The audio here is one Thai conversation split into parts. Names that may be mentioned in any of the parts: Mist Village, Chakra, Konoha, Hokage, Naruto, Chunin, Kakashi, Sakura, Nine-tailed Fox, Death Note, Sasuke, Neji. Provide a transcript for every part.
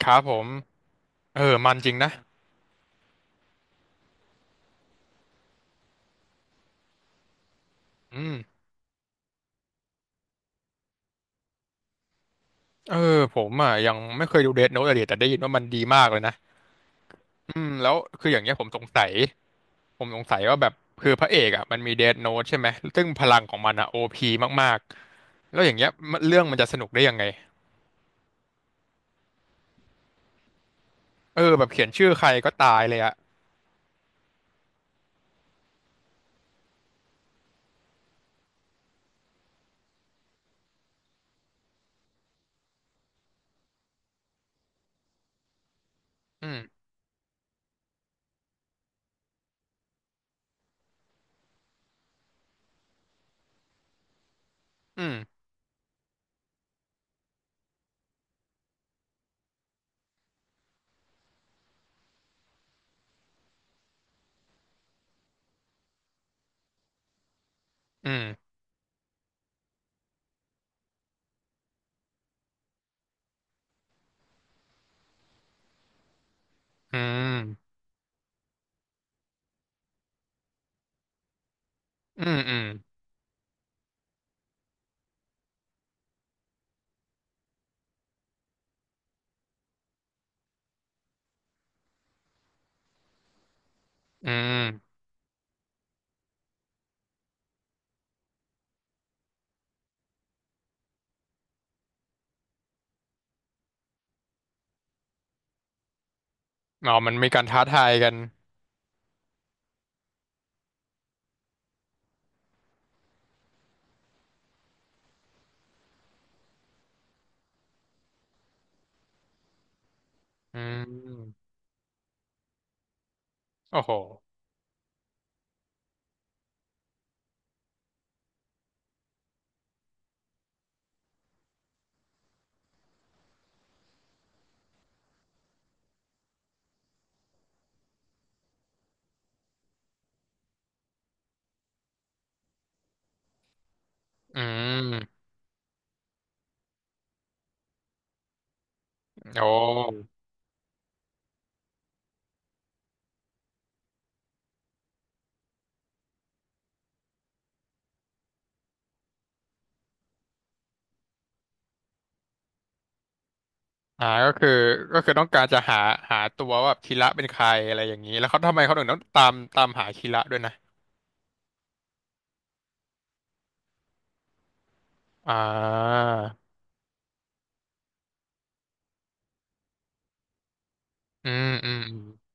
ครับผมเออมันจริงนะอืมเออผมอ่ะยังไม่เคยดูเดธโน้ตอะลยแต่ได้ยินว่ามันดีมากเลยนะอืมแล้วคืออย่างเงี้ยผมสงสัยว่าแบบคือพระเอกอ่ะมันมีเดธโน้ตใช่ไหมซึ่งพลังของมันอ่ะโอพีมากๆแล้วอย่างเงี้ยมันเรื่องมันจะสนุกได้ยังไงเออแบบเขียนชื่อใครก็ตายเลยอ่ะอืมอืมอืมอืมอืมอืมอืมอ๋อมันมีการท้าทายกันอืมโอ้โหอืมโอ้ อ่าก็คือก็คือต้องการจะหาหาตัวว่าแบบคีระเป็นใครอะไรอย่างนี้แล้วเขาทำไมเขาถึงต้องตามหาคีระด้วยนะอ่าอืมอืมอม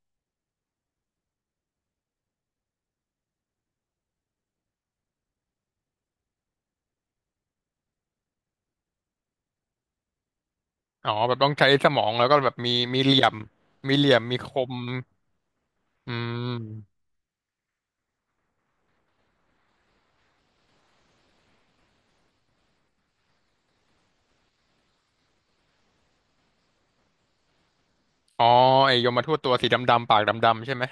อ๋อแบบต้องใช้สมองแล้วก็แบบมีเหลี่ยมมีเหลี่ยมมีคมอืมอ๋อไอยมทูตตัวสีดำๆปากดำๆใช่ไหม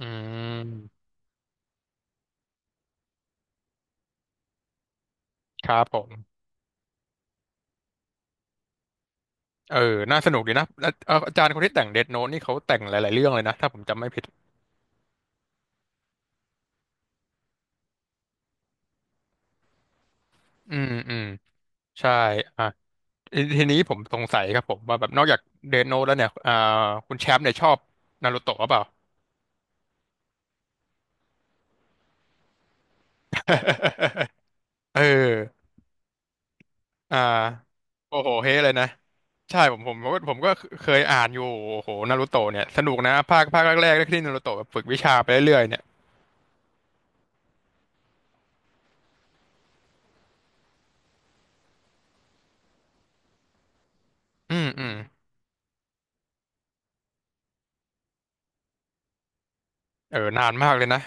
อืมครับผมเออน่าสนุกดีนะแล้วเอ่ออาจารย์คนที่แต่งเดธโน้ตนี่เขาแต่งหลายๆเรื่องเลยนะถ้าผมจำไม่ผิดอืมอืมใช่อ่า ทีนี้ผมสงสัยครับผมว่าแบบนอกจากเดนโนตแล้วเนี่ยอ่าคุณแชมป์เนี่ยชอบนารูโตะหรือเปล่า เอออ่าโอ้โหเฮ้เลยนะใช่ผมก็เคยอ่านอยู่โอ้โหนารูโตะเนี่ยสนุกนะภาคแรกๆที่นารูโตะแบบฝึกวิชาไปเรื่อยๆเนี่ยอืมอืมเออนานมากเลยนะ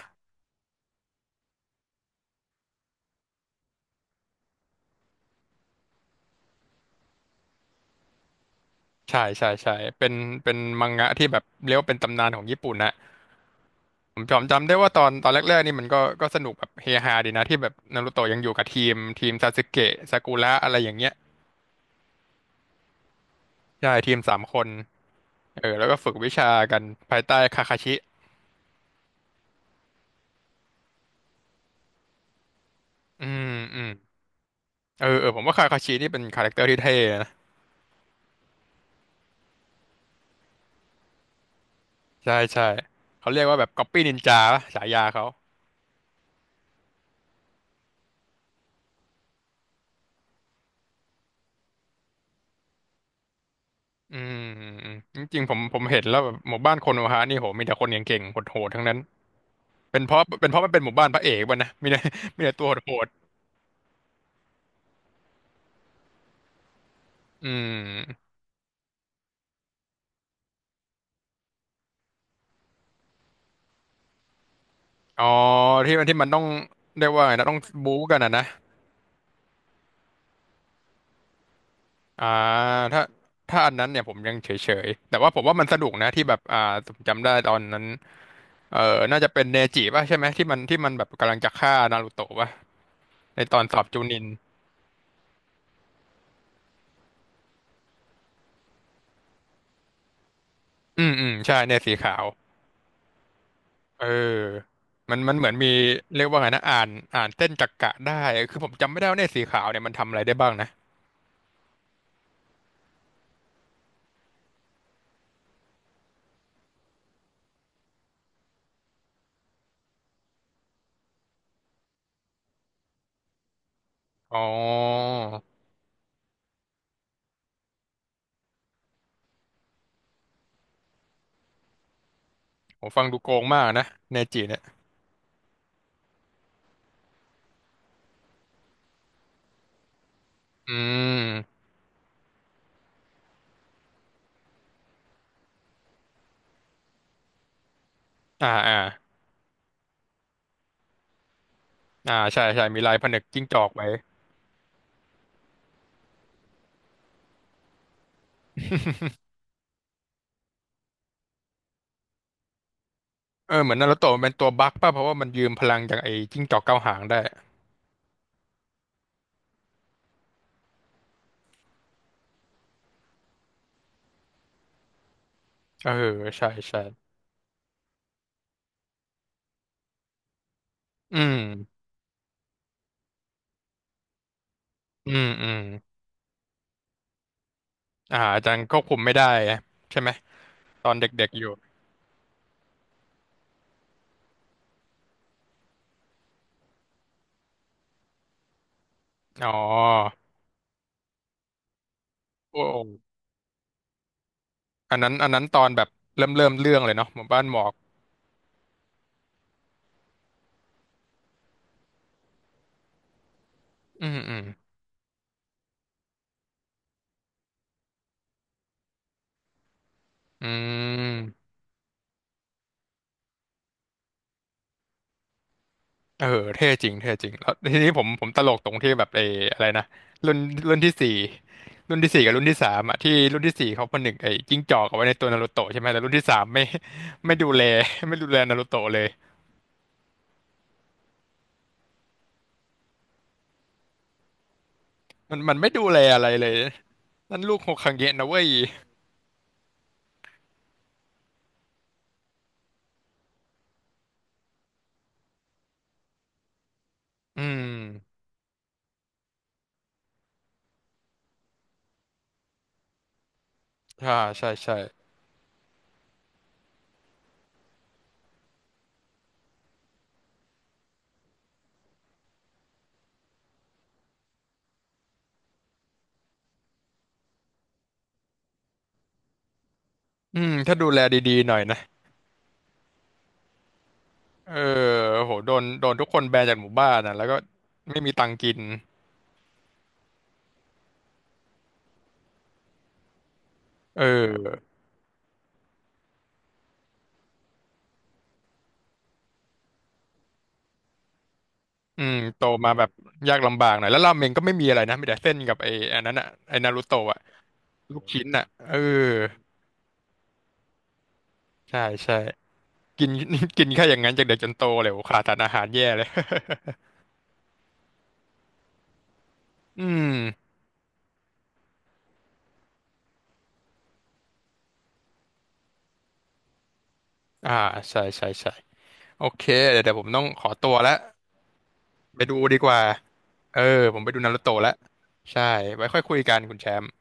ใช่ใช่ใช่เป็นเป็นมังงะที่แบบเรียกว่าเป็นตำนานของญี่ปุ่นนะ ผมจำได้ว่าตอนแรกๆนี่มันก็สนุกแบบเฮฮาดีนะที่แบบนารูโตะยังอยู่กับทีมซาสึเกะซากุระอะไรอย่างเงี้ยใช่ทีมสามคนเออแล้วก็ฝึกวิชากันภายใต้คาคาชิอืมอืมเออเออผมว่าคาคาชินี่เป็นคาแรคเตอร์ที่เท่นะใช่ใช่เขาเรียกว่าแบบก๊อปปี้นินจาฉายาเขาอืมอืมอืมจริงๆผมเห็นแล้วแบบหมู่บ้านโคโนฮะนี่โหมีแต่คนเก่งๆโหดๆทั้งนั้นเป็นเพราะมันเป็นหมู่บ้านพระเอกป่ะนะมีแต่ตัวโหดๆอืม อ๋อที่มันต้องเรียกว่าไงนะต้องบู๊กันนะนะอ่าถ้าถ้าอันนั้นเนี่ยผมยังเฉยๆแต่ว่าผมว่ามันสนุกนะที่แบบอ่าผมจำได้ตอนนั้นเออน่าจะเป็นเนจิป่ะใช่ไหมที่มันแบบกำลังจะฆ่านารูโตะป่ะในตอนสอบจูนินอืมอืมใช่เนี่ยสีขาวเออมันเหมือนมีเรียกว่าไงนะอ่านเส้นจักระได้คือผมจำไม่ได้ว่าเนี่ยสีขาวเนี่ยมันทำอะไรได้บ้างนะอ๋อผมฟังดูโกงมากนะเนจิเนี่ยอืมอ่าอ่า อ่าใช่ใช่มีลายผนึกจิ้งจอกไว้เออเหมือนนารูโตะมันเป็นตัวบั๊กป่ะเพราะว่ามันยืมพลังจากไอ้จิ้งจอกเก้าหางได้เออใช่ใช่อืมอืมอืมอ่าอาจารย์ควบคุมไม่ได้ใช่ไหมตอนเด็กๆอยู่อ๋อโอ้อันนั้นอันนั้นตอนแบบเริ่มเรื่องเลยเนาะหมู่บ้านหมอกอืมอืมอืม เออเท่จริงเท่จริงแล้วทีนี้ผมผมตลกตรงที่แบบเอออะไรนะรุ่นรุ่นที่สี่รุ่นที่สี่กับรุ่นที่สามอ่ะที่รุ่นที่สี่เขาผนึกไอ้จิ้งจอกเอาไว้ในตัวนารูโตะใช่ไหมแต่รุ่นที่สามไม่ดูแล ไม่ดูแลนารูโตะเลยมันไม่ดูแลอะไรเลยนั่นลูกโฮคงเงะนะเว้ยอืมใช่ใช่ใช่อืมถ้าดูแลดีๆหน่อยนะเออโหโดนทุกคนแบนจากหมู่บ้านนะแล้วก็ไม่มีตังค์กินเออ อืมโตมาแบบยากลำบากหน่อยแล้วราเมงก็ไม่มีอะไรนะมีแต่เส้นกับไอ้อันนั้นอ่ะไอ้นารูโตะอะลูกชิ้นอ่ะเออใช่ใช่กิน กินแค่อย่างนั้นจากเด็กจนโตเลยโอ้ขาดสารอาหารแย่เลย อืมอ่าใช่ใช่ใช่โอเคเดี๋ยวเดี๋ยวผมต้องขอตัวแล้วไปดูดีกว่าเออผมไปดูนารูโตะแล้วใช่ไว้ค่อยคุยกันคุณแชมป์